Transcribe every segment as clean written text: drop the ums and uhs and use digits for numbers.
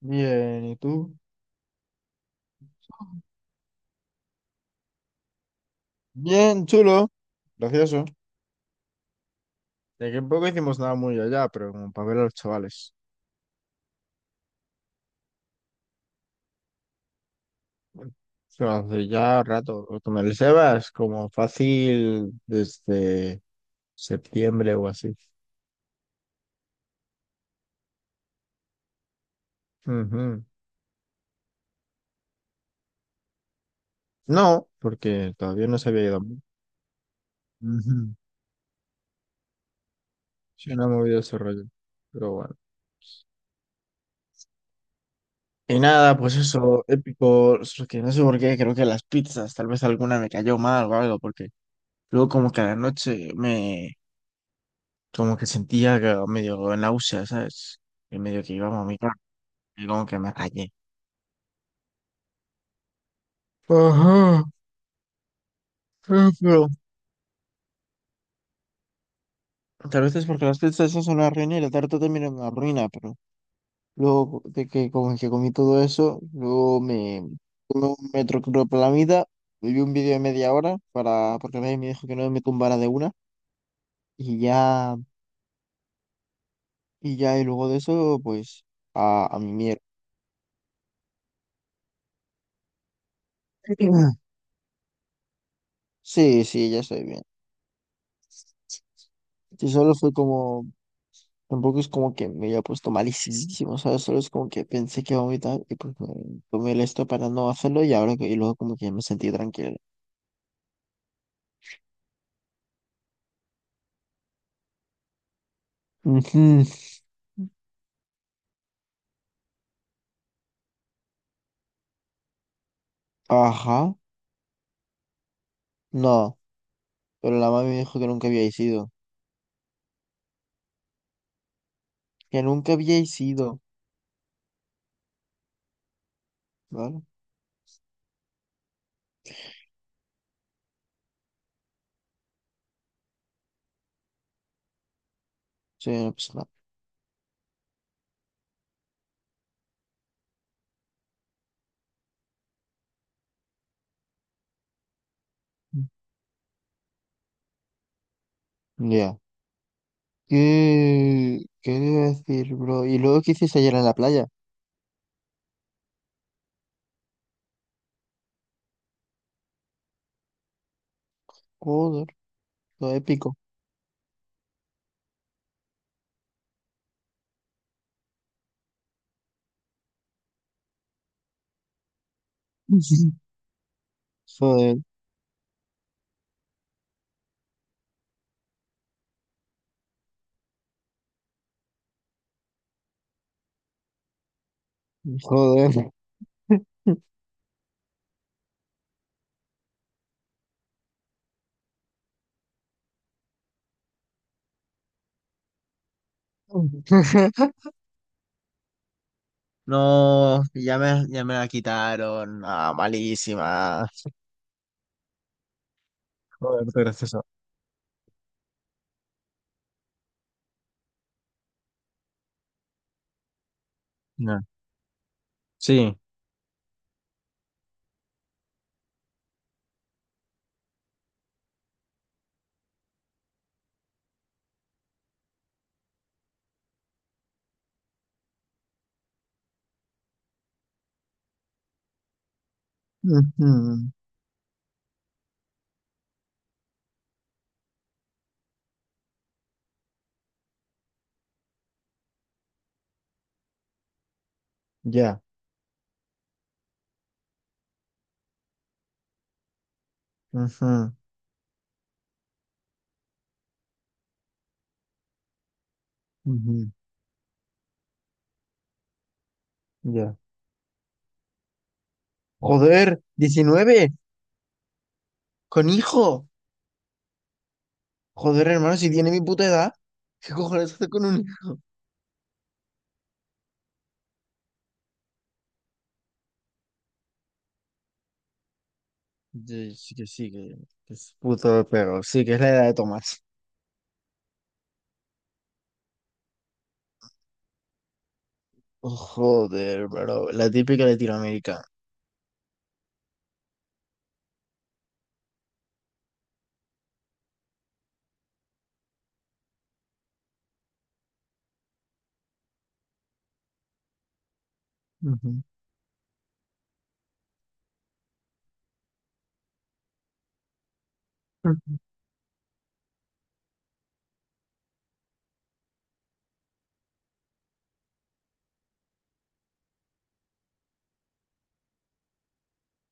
Bien, ¿y tú? Bien, chulo. Gracioso. De que en poco hicimos nada muy allá, pero como para ver a los chavales. Bueno, pero hace ya rato. Lo Con el Sebas, como fácil desde septiembre o así. Ujú. No, porque todavía no se había ido. Ujú. Sí, no ha movido ese rollo. Pero bueno. Y nada, pues eso, épico. Solo que no sé por qué, creo que las pizzas, tal vez alguna me cayó mal o algo, porque luego como que a la noche me. Como que sentía que medio náusea, ¿sabes? Y medio que iba a vomitar, y como que me rayé. Ajá, pero tal vez es porque las pizzas esas son una ruina y la tarta también es una ruina, pero luego de que como que comí todo eso, luego me tomé un metro metoclopramida, vi un vídeo de media hora para, porque nadie me dijo que no me tumbara de una, y ya, y luego de eso, pues, a mi mierda. Sí, sí, ya estoy bien. Y solo fue como tampoco es como que me haya puesto malísimo, ¿sabes? Solo es como que pensé que iba a vomitar y pues me tomé el esto para no hacerlo y y luego como que ya me sentí tranquilo. Ujú. Ajá, no, pero la mami me dijo que nunca había ido. Que nunca había ido, ¿vale? Sí, no pasa nada. Mm. Ya. Qué iba a decir, bro? ¿Y luego qué hiciste ayer en la playa? Joder, todo épico. Joder, joder. No, ya me la quitaron. Ah, malísima. Joder, qué gracioso. No. Ujú, ya. Ujú, ujú, ya. Joder, 19 con hijo. Joder, hermano, si tiene mi puta edad, ¿qué cojones hace con un hijo? Sí, sí que sí, que es puto perro. Sí, que es la edad de Tomás. Oh, joder, bro. La típica Latinoamérica. Ujú, ujú,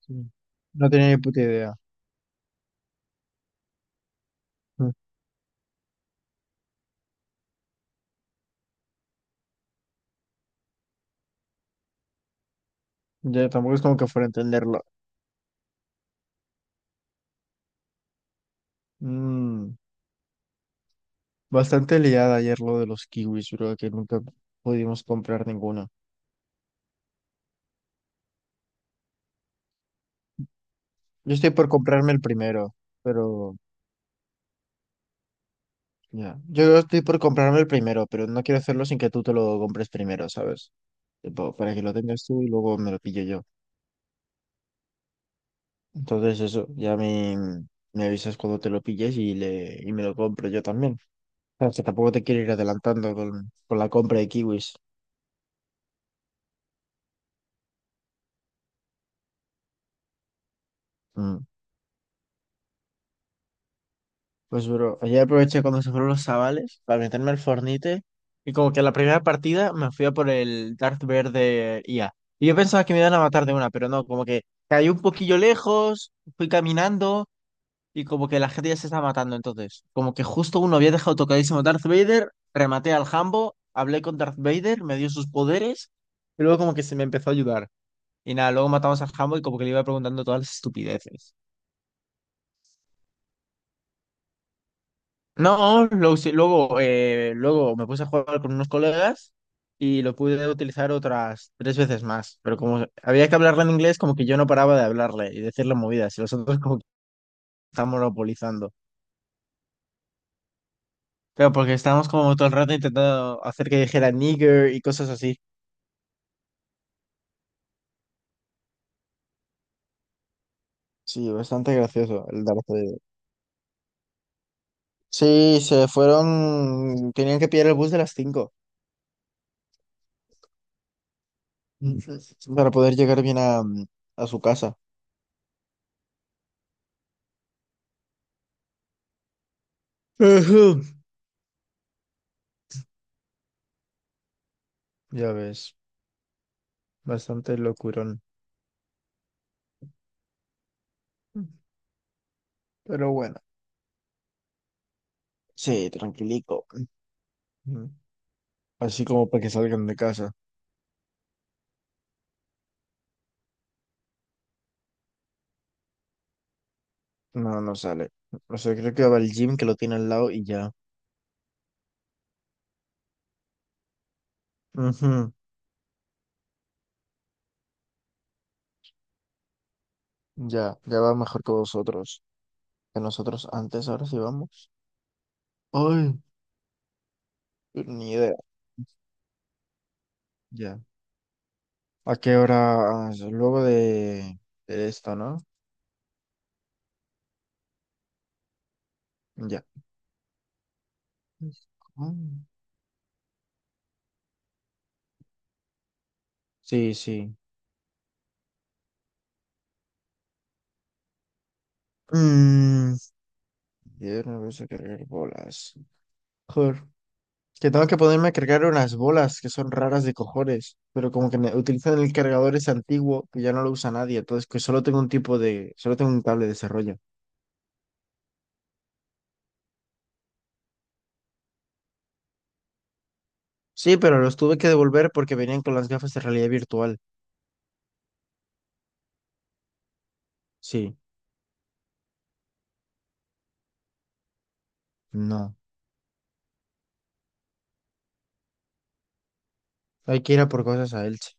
sí. No tenía ni puta idea. Mm. Ya, tampoco es como que fuera a entenderlo. Mm. Bastante liada ayer lo de los kiwis, bro, que nunca pudimos comprar ninguna. Yo estoy por comprarme el primero, pero ya. Yo estoy por comprarme el primero, pero no quiero hacerlo sin que tú te lo compres primero, ¿sabes? Tipo, para que lo tengas tú y luego me lo pillo yo. Entonces eso, me avisas cuando te lo pilles y me lo compro yo también. O sea, que tampoco te quiero ir adelantando con la compra de kiwis. Mm. Pues, bro, ayer aproveché cuando se fueron los chavales para meterme al Fornite y como que la primera partida me fui a por el Darth Vader de IA. Y yo pensaba que me iban a matar de una, pero no, como que caí un poquillo lejos, fui caminando y como que la gente ya se estaba matando entonces. Como que justo uno había dejado tocadísimo Darth Vader, rematé al Jambo, hablé con Darth Vader, me dio sus poderes y luego como que se me empezó a ayudar. Y nada, luego matamos al Jambo y como que le iba preguntando todas las estupideces. No, luego, luego me puse a jugar con unos colegas y lo pude utilizar otras tres veces más, pero como había que hablarle en inglés, como que yo no paraba de hablarle y decirle movidas, y los otros como que estaban monopolizando. Pero porque estábamos como todo el rato intentando hacer que dijera nigger y cosas así. Sí, bastante gracioso el Darth Vader. Sí, se fueron, tenían que pillar el bus de las 5 para poder llegar bien a su casa. Ujú. Ya ves, bastante locurón. Pero bueno, sí, tranquilico. Ujú, así como para que salgan de casa. No, no sale. O sea, creo que va al gym que lo tiene al lado y ya. Ujú, ya, ya va mejor que vosotros. Que nosotros antes, ahora sí vamos. Ay, ni idea. Ya. ¿A qué hora? Ah, luego de esto, ¿no? Ya. Mm, sí, sí. Mm, y de una a cargar bolas. Joder. Que tengo que ponerme a cargar unas bolas que son raras de cojones, pero como que utilizan el cargador es antiguo que ya no lo usa nadie, entonces que solo tengo un tipo de, solo tengo un cable de desarrollo. Sí, pero los tuve que devolver porque venían con las gafas de realidad virtual. Sí, no. Hay que ir a por cosas a Elche.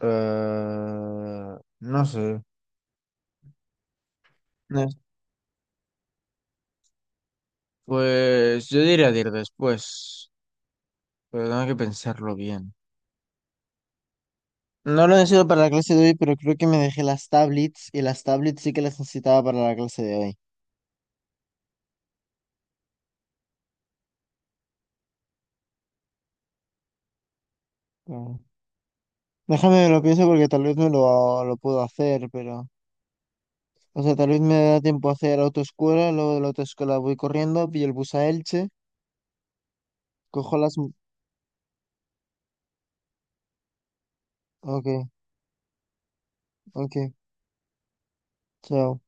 Ah, no sé. No, pues yo diría de ir después, pero tengo que pensarlo bien. No lo necesito para la clase de hoy, pero creo que me dejé las tablets y las tablets sí que las necesitaba para la clase de hoy. Déjame, lo pienso porque tal vez lo puedo hacer, pero... O sea, tal vez me da tiempo a hacer autoescuela, luego de la autoescuela voy corriendo, pillo el bus a Elche, cojo las... Ok, ok, chao.